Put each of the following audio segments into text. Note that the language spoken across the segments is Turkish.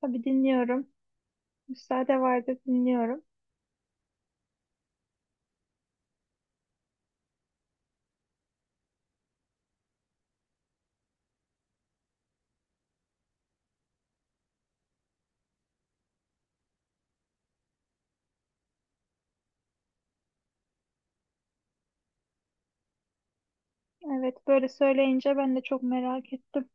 Tabii dinliyorum. Müsaade vardı dinliyorum. Evet böyle söyleyince ben de çok merak ettim.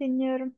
Dinliyorum.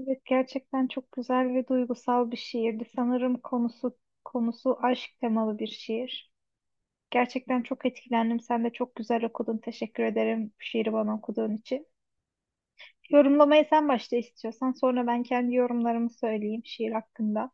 Evet gerçekten çok güzel ve duygusal bir şiirdi. Sanırım konusu aşk temalı bir şiir. Gerçekten çok etkilendim. Sen de çok güzel okudun. Teşekkür ederim bu şiiri bana okuduğun için. Yorumlamayı sen başta istiyorsan sonra ben kendi yorumlarımı söyleyeyim şiir hakkında.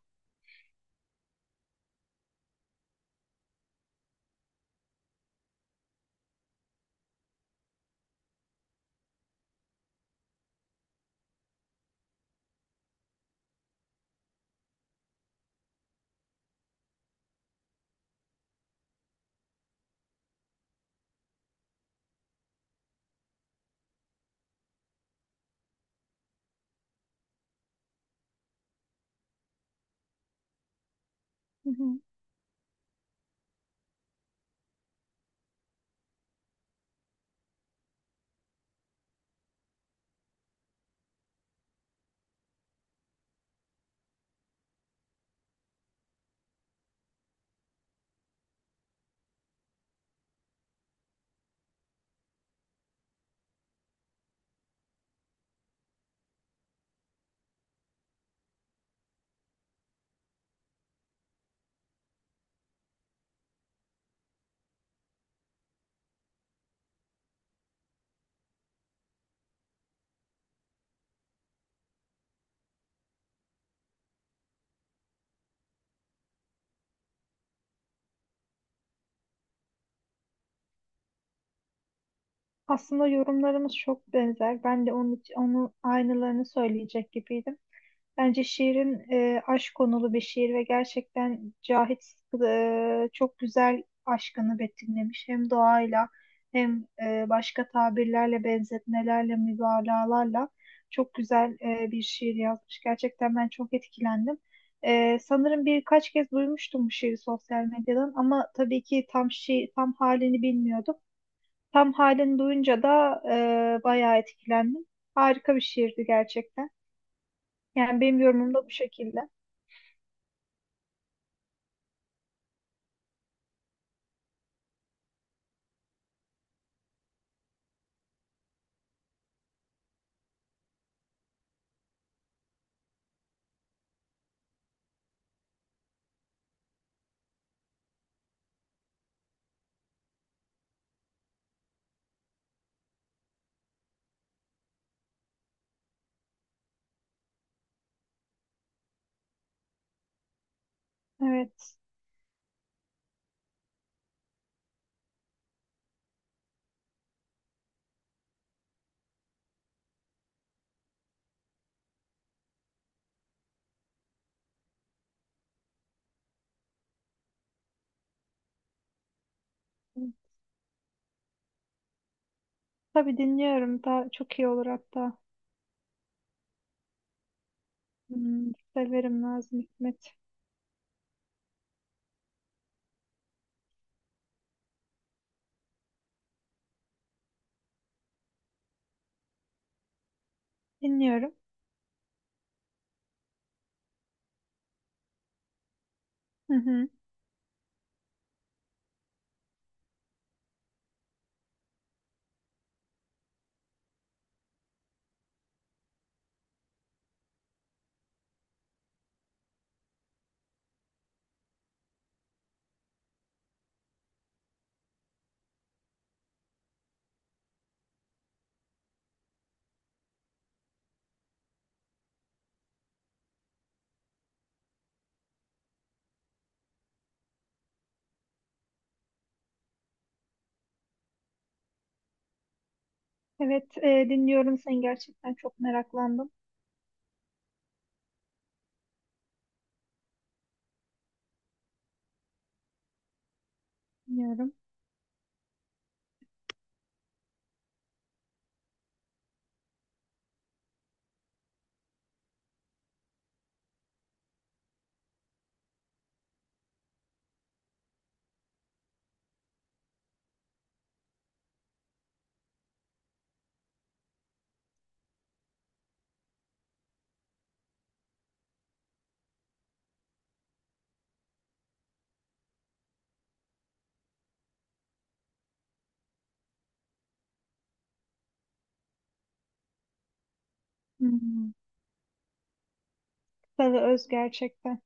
Hı hı. Aslında yorumlarımız çok benzer. Ben de onun aynılarını söyleyecek gibiydim. Bence şiirin aşk konulu bir şiir ve gerçekten Cahit çok güzel aşkını betimlemiş. Hem doğayla hem başka tabirlerle, benzetmelerle, mübalağalarla çok güzel bir şiir yazmış. Gerçekten ben çok etkilendim. Sanırım birkaç kez duymuştum bu şiiri sosyal medyadan ama tabii ki tam halini bilmiyordum. Tam halini duyunca da bayağı etkilendim. Harika bir şiirdi gerçekten. Yani benim yorumum da bu şekilde. Evet. Tabii dinliyorum. Daha çok iyi olur hatta. Hmm, severim Nazım Hikmet. Dinliyorum. Hı hı. Evet, dinliyorum seni, gerçekten çok meraklandım. Dinliyorum. Hmm. Salı Öz gerçekten.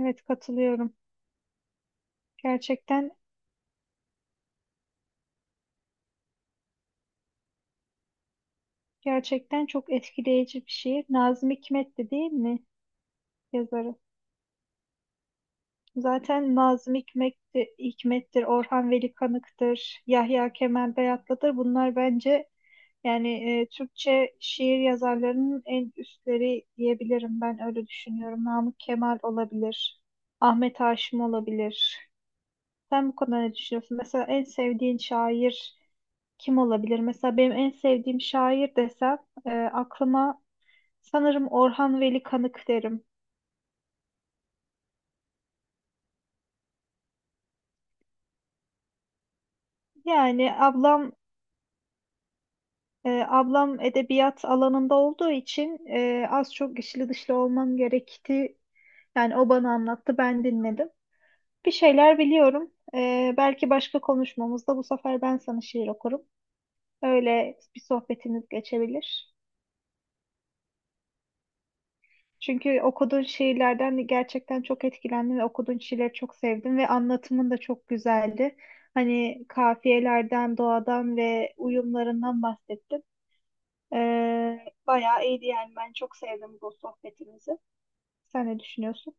Evet katılıyorum. Gerçekten gerçekten çok etkileyici bir şiir. Nazım Hikmet'ti değil mi yazarı? Zaten Nazım Hikmet'ti, Hikmet'tir, Orhan Veli Kanık'tır, Yahya Kemal Beyatlı'dır. Bunlar bence yani Türkçe şiir yazarlarının en üstleri diyebilirim. Ben öyle düşünüyorum. Namık Kemal olabilir, Ahmet Haşim olabilir. Sen bu konuda ne düşünüyorsun? Mesela en sevdiğin şair kim olabilir? Mesela benim en sevdiğim şair desem aklıma sanırım Orhan Veli Kanık derim. Yani ablam Ablam edebiyat alanında olduğu için az çok içli dışlı olmam gerekti. Yani o bana anlattı, ben dinledim. Bir şeyler biliyorum. Belki başka konuşmamızda bu sefer ben sana şiir okurum. Öyle bir sohbetimiz geçebilir. Çünkü okuduğun şiirlerden gerçekten çok etkilendim ve okuduğun şiirleri çok sevdim ve anlatımın da çok güzeldi. Hani kafiyelerden, doğadan ve uyumlarından bahsettin. Bayağı iyiydi yani. Ben çok sevdim bu sohbetimizi. Sen ne düşünüyorsun?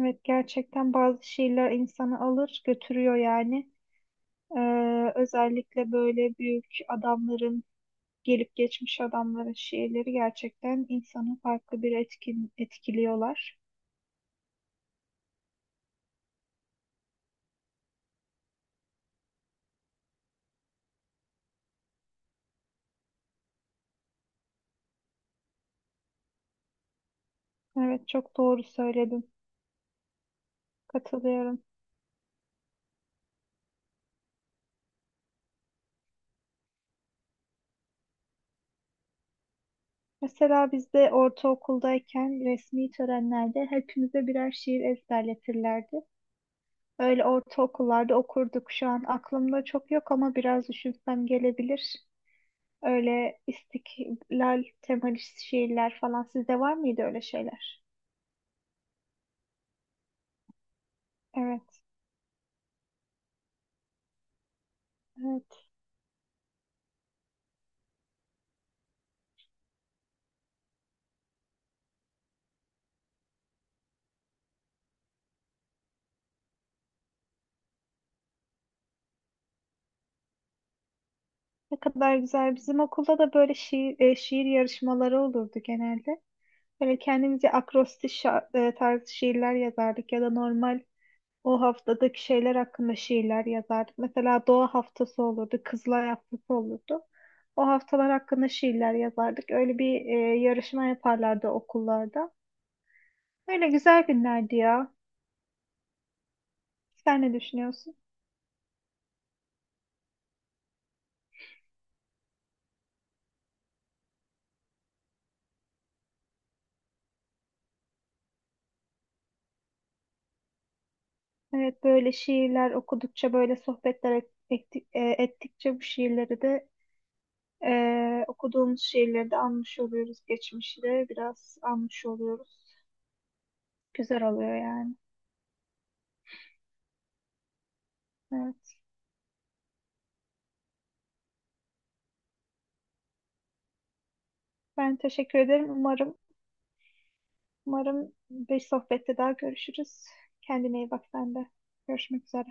Evet gerçekten bazı şiirler insanı alır götürüyor yani. Özellikle böyle büyük adamların, gelip geçmiş adamların şiirleri gerçekten insanı farklı bir etkiliyorlar. Evet çok doğru söyledin. Katılıyorum. Mesela biz de ortaokuldayken resmi törenlerde hepimize birer şiir ezberletirlerdi. Öyle ortaokullarda okurduk. Şu an aklımda çok yok ama biraz düşünsem gelebilir. Öyle istiklal temalı şiirler falan. Sizde var mıydı öyle şeyler? Evet, evet. Ne kadar güzel. Bizim okulda da böyle şiir yarışmaları olurdu genelde. Böyle kendimize akrostiş tarzı şiirler yazardık ya da normal o haftadaki şeyler hakkında şiirler yazardık. Mesela doğa haftası olurdu, kızlar haftası olurdu. O haftalar hakkında şiirler yazardık. Öyle bir yarışma yaparlardı okullarda. Öyle güzel günlerdi ya. Sen ne düşünüyorsun? Evet böyle şiirler okudukça, böyle sohbetler et- etti- e, ettikçe bu şiirleri de, okuduğumuz şiirleri de anmış oluyoruz. Geçmişi de biraz anmış oluyoruz. Güzel oluyor yani. Evet. Ben teşekkür ederim. Umarım bir sohbette daha görüşürüz. Kendine iyi bak sen de. Görüşmek üzere.